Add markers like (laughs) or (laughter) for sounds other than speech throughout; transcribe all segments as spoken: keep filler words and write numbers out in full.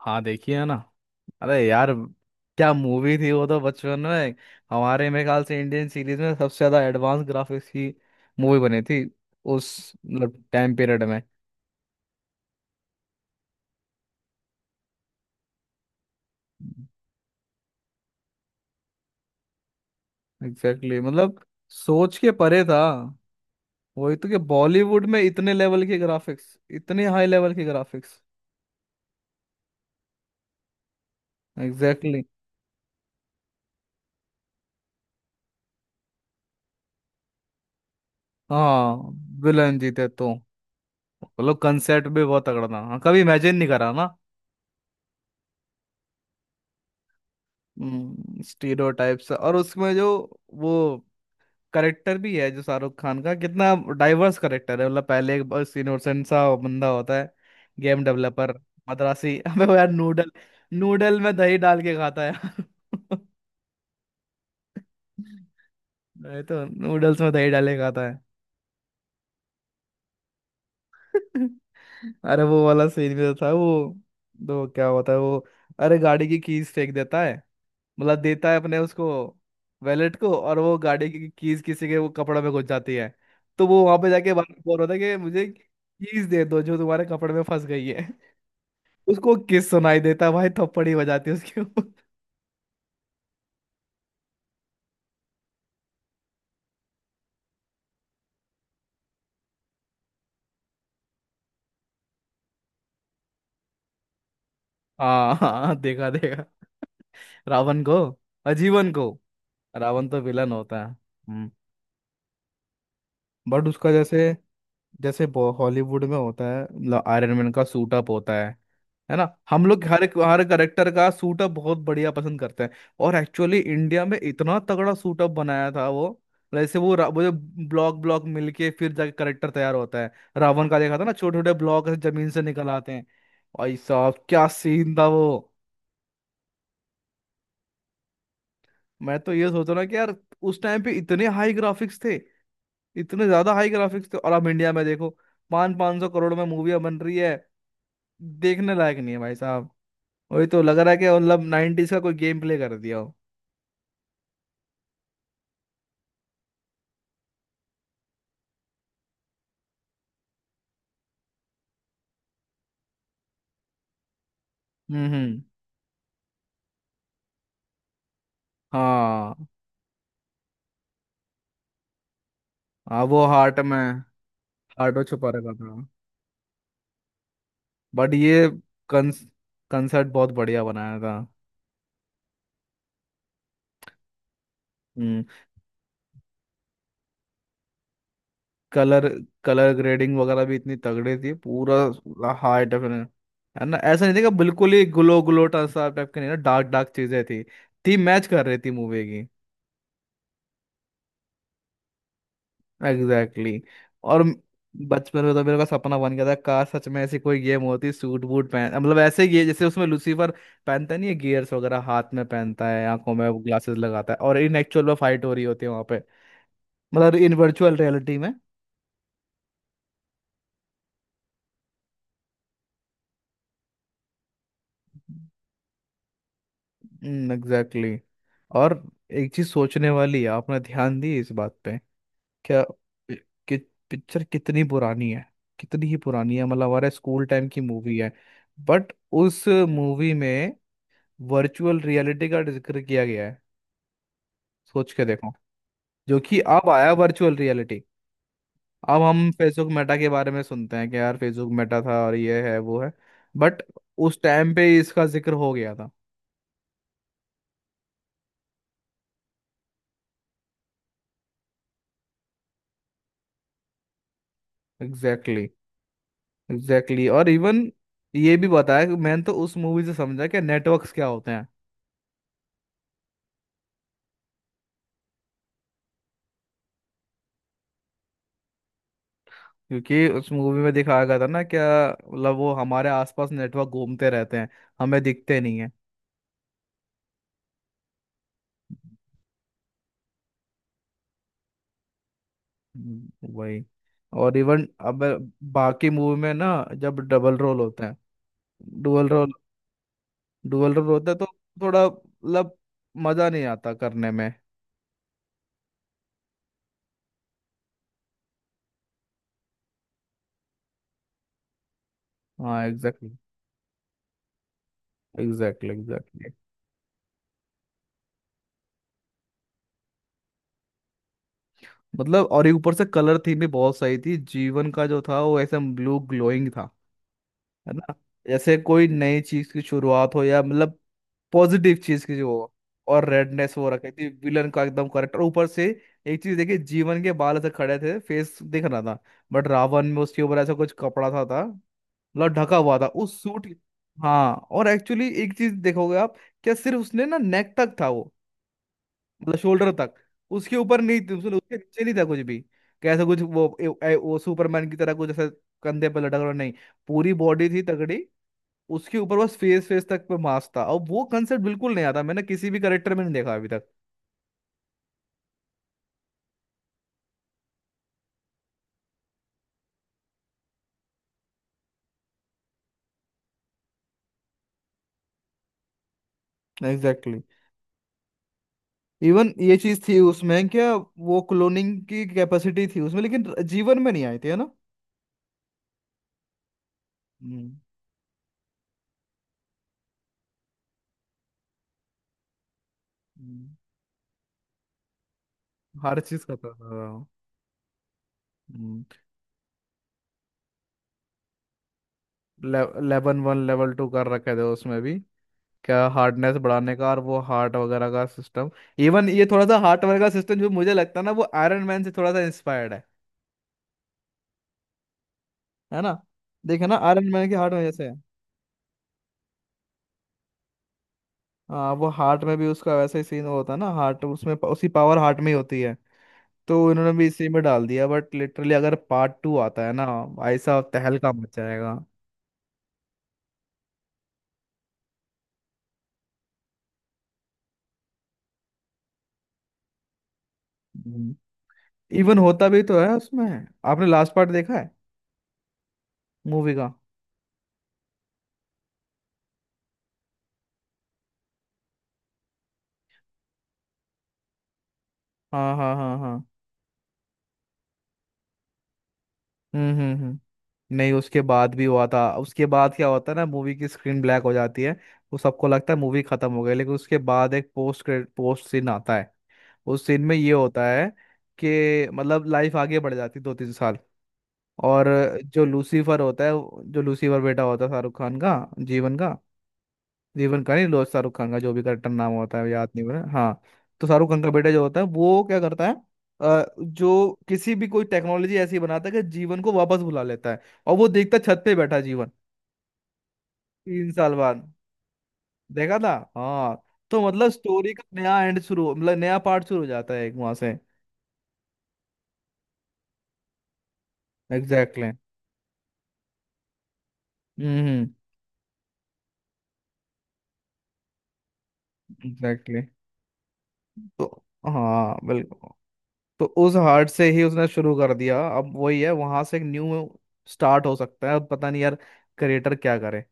हाँ, देखी है ना. अरे यार, क्या मूवी थी वो तो. बचपन में हमारे मेरे ख्याल से इंडियन सीरीज में सबसे ज्यादा एडवांस ग्राफिक्स की मूवी बनी थी उस मतलब टाइम पीरियड में. Exactly exactly. मतलब सोच के परे था. वही तो कि बॉलीवुड में इतने लेवल के ग्राफिक्स, इतने हाई लेवल के ग्राफिक्स. Exactly exactly. हाँ, विलन जीते तो. मतलब कंसेप्ट भी बहुत तगड़ा था. हाँ, कभी इमेजिन नहीं करा ना. स्टीरियोटाइप्स और उसमें जो वो करेक्टर भी है जो शाहरुख खान का, कितना डाइवर्स करेक्टर है. मतलब पहले एक बस इनोसेंट सा बंदा होता है, गेम डेवलपर, मद्रासी. (laughs) अबे वो यार नूडल नूडल में दही डाल के खाता है यार. (laughs) ये तो नूडल्स में दही डाल के खाता है. (laughs) अरे वो वाला सीन भी तो था वो. तो क्या होता है वो. अरे गाड़ी की कीज फेंक देता है, मतलब देता है अपने उसको, वैलेट को. और वो गाड़ी की कीज किसी के वो कपड़े में घुस जाती है. तो वो वहां पे जाके बार बोल रहा था कि मुझे कीज दे दो जो तुम्हारे कपड़े में फंस गई है. (laughs) उसको किस सुनाई देता है भाई, थप्पड़ ही बजाती है उसके ऊपर. (laughs) हाँ हाँ हाँ, देखा देखा. (laughs) रावण को, आजीवन को. रावण तो विलन होता है. हम्म. बट उसका जैसे जैसे बो- हॉलीवुड में होता है मतलब आयरन मैन का सूट अप होता है. है ना, हम लोग हर एक, हर करेक्टर का सूट अप बहुत बढ़िया पसंद करते हैं. और एक्चुअली इंडिया में इतना तगड़ा सूट अप बनाया था वो. जैसे वो रा- वो जो ब्लॉक ब्लॉक मिलके फिर जाके करेक्टर तैयार होता है, रावण का, देखा था ना छोटे छोटे ब्लॉक जमीन से निकल आते हैं. भाई साहब, क्या सीन था वो. मैं तो ये सोच रहा हूँ कि यार, उस टाइम पे इतने हाई ग्राफिक्स थे, इतने ज्यादा हाई ग्राफिक्स थे, और अब इंडिया में देखो पाँच पाँच सौ करोड़ में मूवियाँ बन रही है, देखने लायक नहीं है भाई साहब. वही तो लग रहा है कि मतलब नाइनटीज का कोई गेम प्ले कर दिया हो. हम्म हम्म. हाँ, हाँ वो हार्ट में हार्ट में छुपा रखा था. बट ये कंस कंसर्ट बहुत बढ़िया बनाया था. हम्म. कलर कलर ग्रेडिंग वगैरह भी इतनी तगड़ी थी, पूरा पूरा हाई डेफिनेट. है ना, ऐसा नहीं था कि बिल्कुल ही ग्लो ग्लो सा टाइप के, नहीं ना, डार्क डार्क चीजें थी थी मैच कर रही थी मूवी की. Exactly exactly. और म- बचपन में तो मेरे का सपना बन गया था, कार सच में ऐसी कोई गेम होती, सूट बूट पहन, मतलब ऐसे ये जैसे उसमें लूसीफर पहनता नहीं है, गियर्स वगैरह हाथ में पहनता है, आंखों में ग्लासेस लगाता है, और इन एक्चुअल में फाइट हो रही होती है वहां पे. मतलब इन वर्चुअल रियलिटी में. Exactly exactly. और एक चीज सोचने वाली है, आपने ध्यान दी इस बात पे. क्या? पि- कि पिक्चर कितनी पुरानी है. कितनी ही पुरानी है, मतलब हमारे स्कूल टाइम की मूवी है. बट उस मूवी में वर्चुअल रियलिटी का जिक्र किया गया है. सोच के देखो, जो कि अब आया वर्चुअल रियलिटी. अब हम फेसबुक मेटा के बारे में सुनते हैं कि यार फेसबुक मेटा था, और ये है वो है. बट उस टाइम पे इसका जिक्र हो गया था. Exactly exactly, exactly exactly. और इवन ये भी बताया कि मैंने तो उस मूवी से समझा कि नेटवर्क्स क्या होते हैं. क्योंकि उस मूवी में दिखाया गया था ना क्या, मतलब वो हमारे आसपास नेटवर्क घूमते रहते हैं, हमें दिखते नहीं. हम्म, वही. और इवन अब बाकी मूवी में ना जब डबल रोल होता है, डुअल रोल, डुअल रोल होता है तो थोड़ा मतलब मजा नहीं आता करने में. हाँ, एग्जैक्टली एग्जैक्टली एग्जैक्टली. मतलब और ये ऊपर से कलर थीम भी बहुत सही थी, जीवन का जो था वो ऐसे ब्लू ग्लोइंग था. है ना, जैसे कोई नई चीज की शुरुआत हो या मतलब पॉजिटिव चीज की जो हो. और रेडनेस वो रखी थी विलन का, एकदम करेक्ट. और ऊपर से एक चीज देखिए, जीवन के बाल ऐसे खड़े थे, फेस दिख रहा था. बट रावण में उसके ऊपर ऐसा कुछ कपड़ा था था मतलब ढका हुआ था उस सूट. हाँ, और एक्चुअली एक चीज देखोगे आप, क्या सिर्फ उसने ना नेक तक था वो, मतलब शोल्डर तक, उसके ऊपर नहीं थी, उसने उसके नीचे नहीं था कुछ भी. कैसा कुछ वो ए, ए, वो सुपरमैन की तरह कुछ ऐसा, कंधे पे लटक रहा नहीं, पूरी बॉडी थी तगड़ी. उसके ऊपर बस फेस फेस तक पे मास्क था, और वो कंसेप्ट बिल्कुल नहीं आता, मैंने किसी भी करेक्टर में नहीं देखा अभी तक. Exactly exactly. इवन ये चीज थी उसमें क्या, वो क्लोनिंग की कैपेसिटी थी उसमें, लेकिन जीवन में नहीं आई थी, है ना. हम्म. हम्म. हर चीज का था था. लेवन वन लेवल टू कर रखे थे उसमें भी, क्या हार्डनेस बढ़ाने का, और वो हार्ट वगैरह का सिस्टम. इवन ये थोड़ा सा हार्ट वगैरह का सिस्टम जो मुझे लगता है ना वो आयरन मैन से थोड़ा सा इंस्पायर्ड है. है ना, देखे ना आयरन मैन के हार्ट में जैसे है. हाँ वो हार्ट में भी उसका वैसा ही सीन होता है ना, हार्ट उसमें उसी पावर हार्ट में ही होती है. तो इन्होंने भी इसी में डाल दिया. बट लिटरली अगर पार्ट टू आता है ना, ऐसा तहलका मच जाएगा. हम्म, इवन होता भी तो है उसमें. आपने लास्ट पार्ट देखा है मूवी का. हाँ हाँ हाँ हाँ. हम्म हम्म हम्म. नहीं, उसके बाद भी हुआ था. उसके बाद क्या होता है ना, मूवी की स्क्रीन ब्लैक हो जाती है, वो सबको लगता है मूवी खत्म हो गई, लेकिन उसके बाद एक पोस्ट क्रेडिट पोस्ट सीन आता है. उस सीन में ये होता है कि मतलब लाइफ आगे बढ़ जाती है दो तीन साल, और जो लूसीफर होता है वो- जो लूसीफर बेटा होता है शाहरुख खान का, जीवन का, जीवन का नहीं लो, शाहरुख खान का जो भी करेक्टर नाम होता है याद नहीं हो रहा. हाँ. तो शाहरुख खान का बेटा जो होता है वो क्या करता है, अ, जो किसी भी कोई टेक्नोलॉजी ऐसी बनाता है कि जीवन को वापस बुला लेता है. और वो देखता है छत पे बैठा जीवन तीन साल बाद. देखा था. हाँ. तो मतलब स्टोरी का नया एंड शुरू हो- मतलब नया पार्ट शुरू हो जाता है एक वहां से. Exactly exactly. Hmm. Exactly exactly. तो हाँ बिल्कुल. तो उस हार्ट से ही उसने शुरू कर दिया, अब वही है वहां से एक न्यू स्टार्ट हो सकता है. अब पता नहीं यार क्रिएटर क्या करे.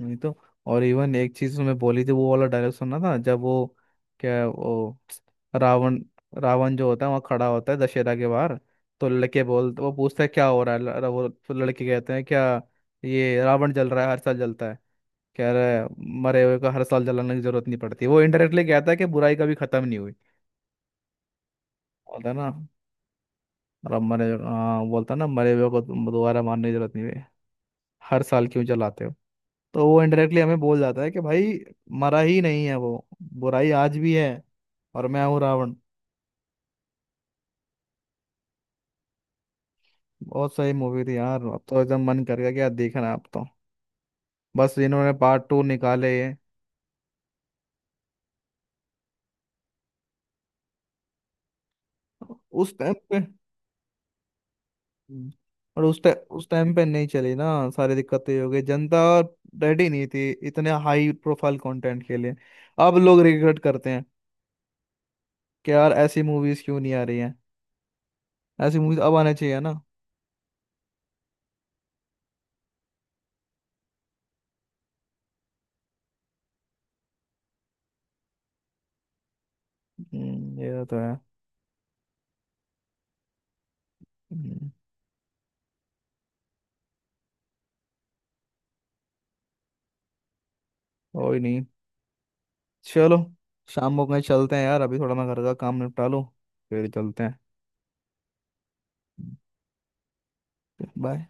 नहीं तो. और इवन एक चीज उसमें बोली थी वो वाला डायलॉग, सुनना था जब वो, क्या है, वो रावण, रावण जो होता है वहाँ खड़ा होता है दशहरा के बाहर, तो लड़के बोलते वो पूछता है क्या हो रहा है, ल- वो तो लड़के कहते हैं क्या, ये रावण जल रहा है हर साल जलता है, कह रहा है मरे हुए का हर साल जलाने की जरूरत नहीं पड़ती. वो इनडायरेक्टली कहता है कि बुराई कभी खत्म नहीं हुई, होता है ना. और अब मरे, हाँ, बोलता है ना, मरे हुए को तुम दोबारा मारने की जरूरत नहीं है, हर साल क्यों जलाते हो. तो वो इनडायरेक्टली हमें बोल जाता है कि भाई मरा ही नहीं है वो, बुराई आज भी है, और मैं हूँ रावण. बहुत सही मूवी थी यार. अब तो एकदम मन कर गया क्या देखना अब तो. बस इन्होंने पार्ट टू निकाले ये उस टाइम पे. हम्म. और उस टाइम उस टाइम पे नहीं चली ना, सारी दिक्कतें ये हो गई, जनता रेडी नहीं थी इतने हाई प्रोफाइल कंटेंट के लिए. अब लोग रिग्रेट करते हैं कि यार ऐसी मूवीज क्यों नहीं आ रही हैं. ऐसी मूवीज अब आना चाहिए ना. हम्म, ये तो है. हम्म, कोई नहीं, चलो शाम को कहीं चलते हैं यार, अभी थोड़ा मैं घर का काम निपटा लूँ, फिर चलते हैं. बाय.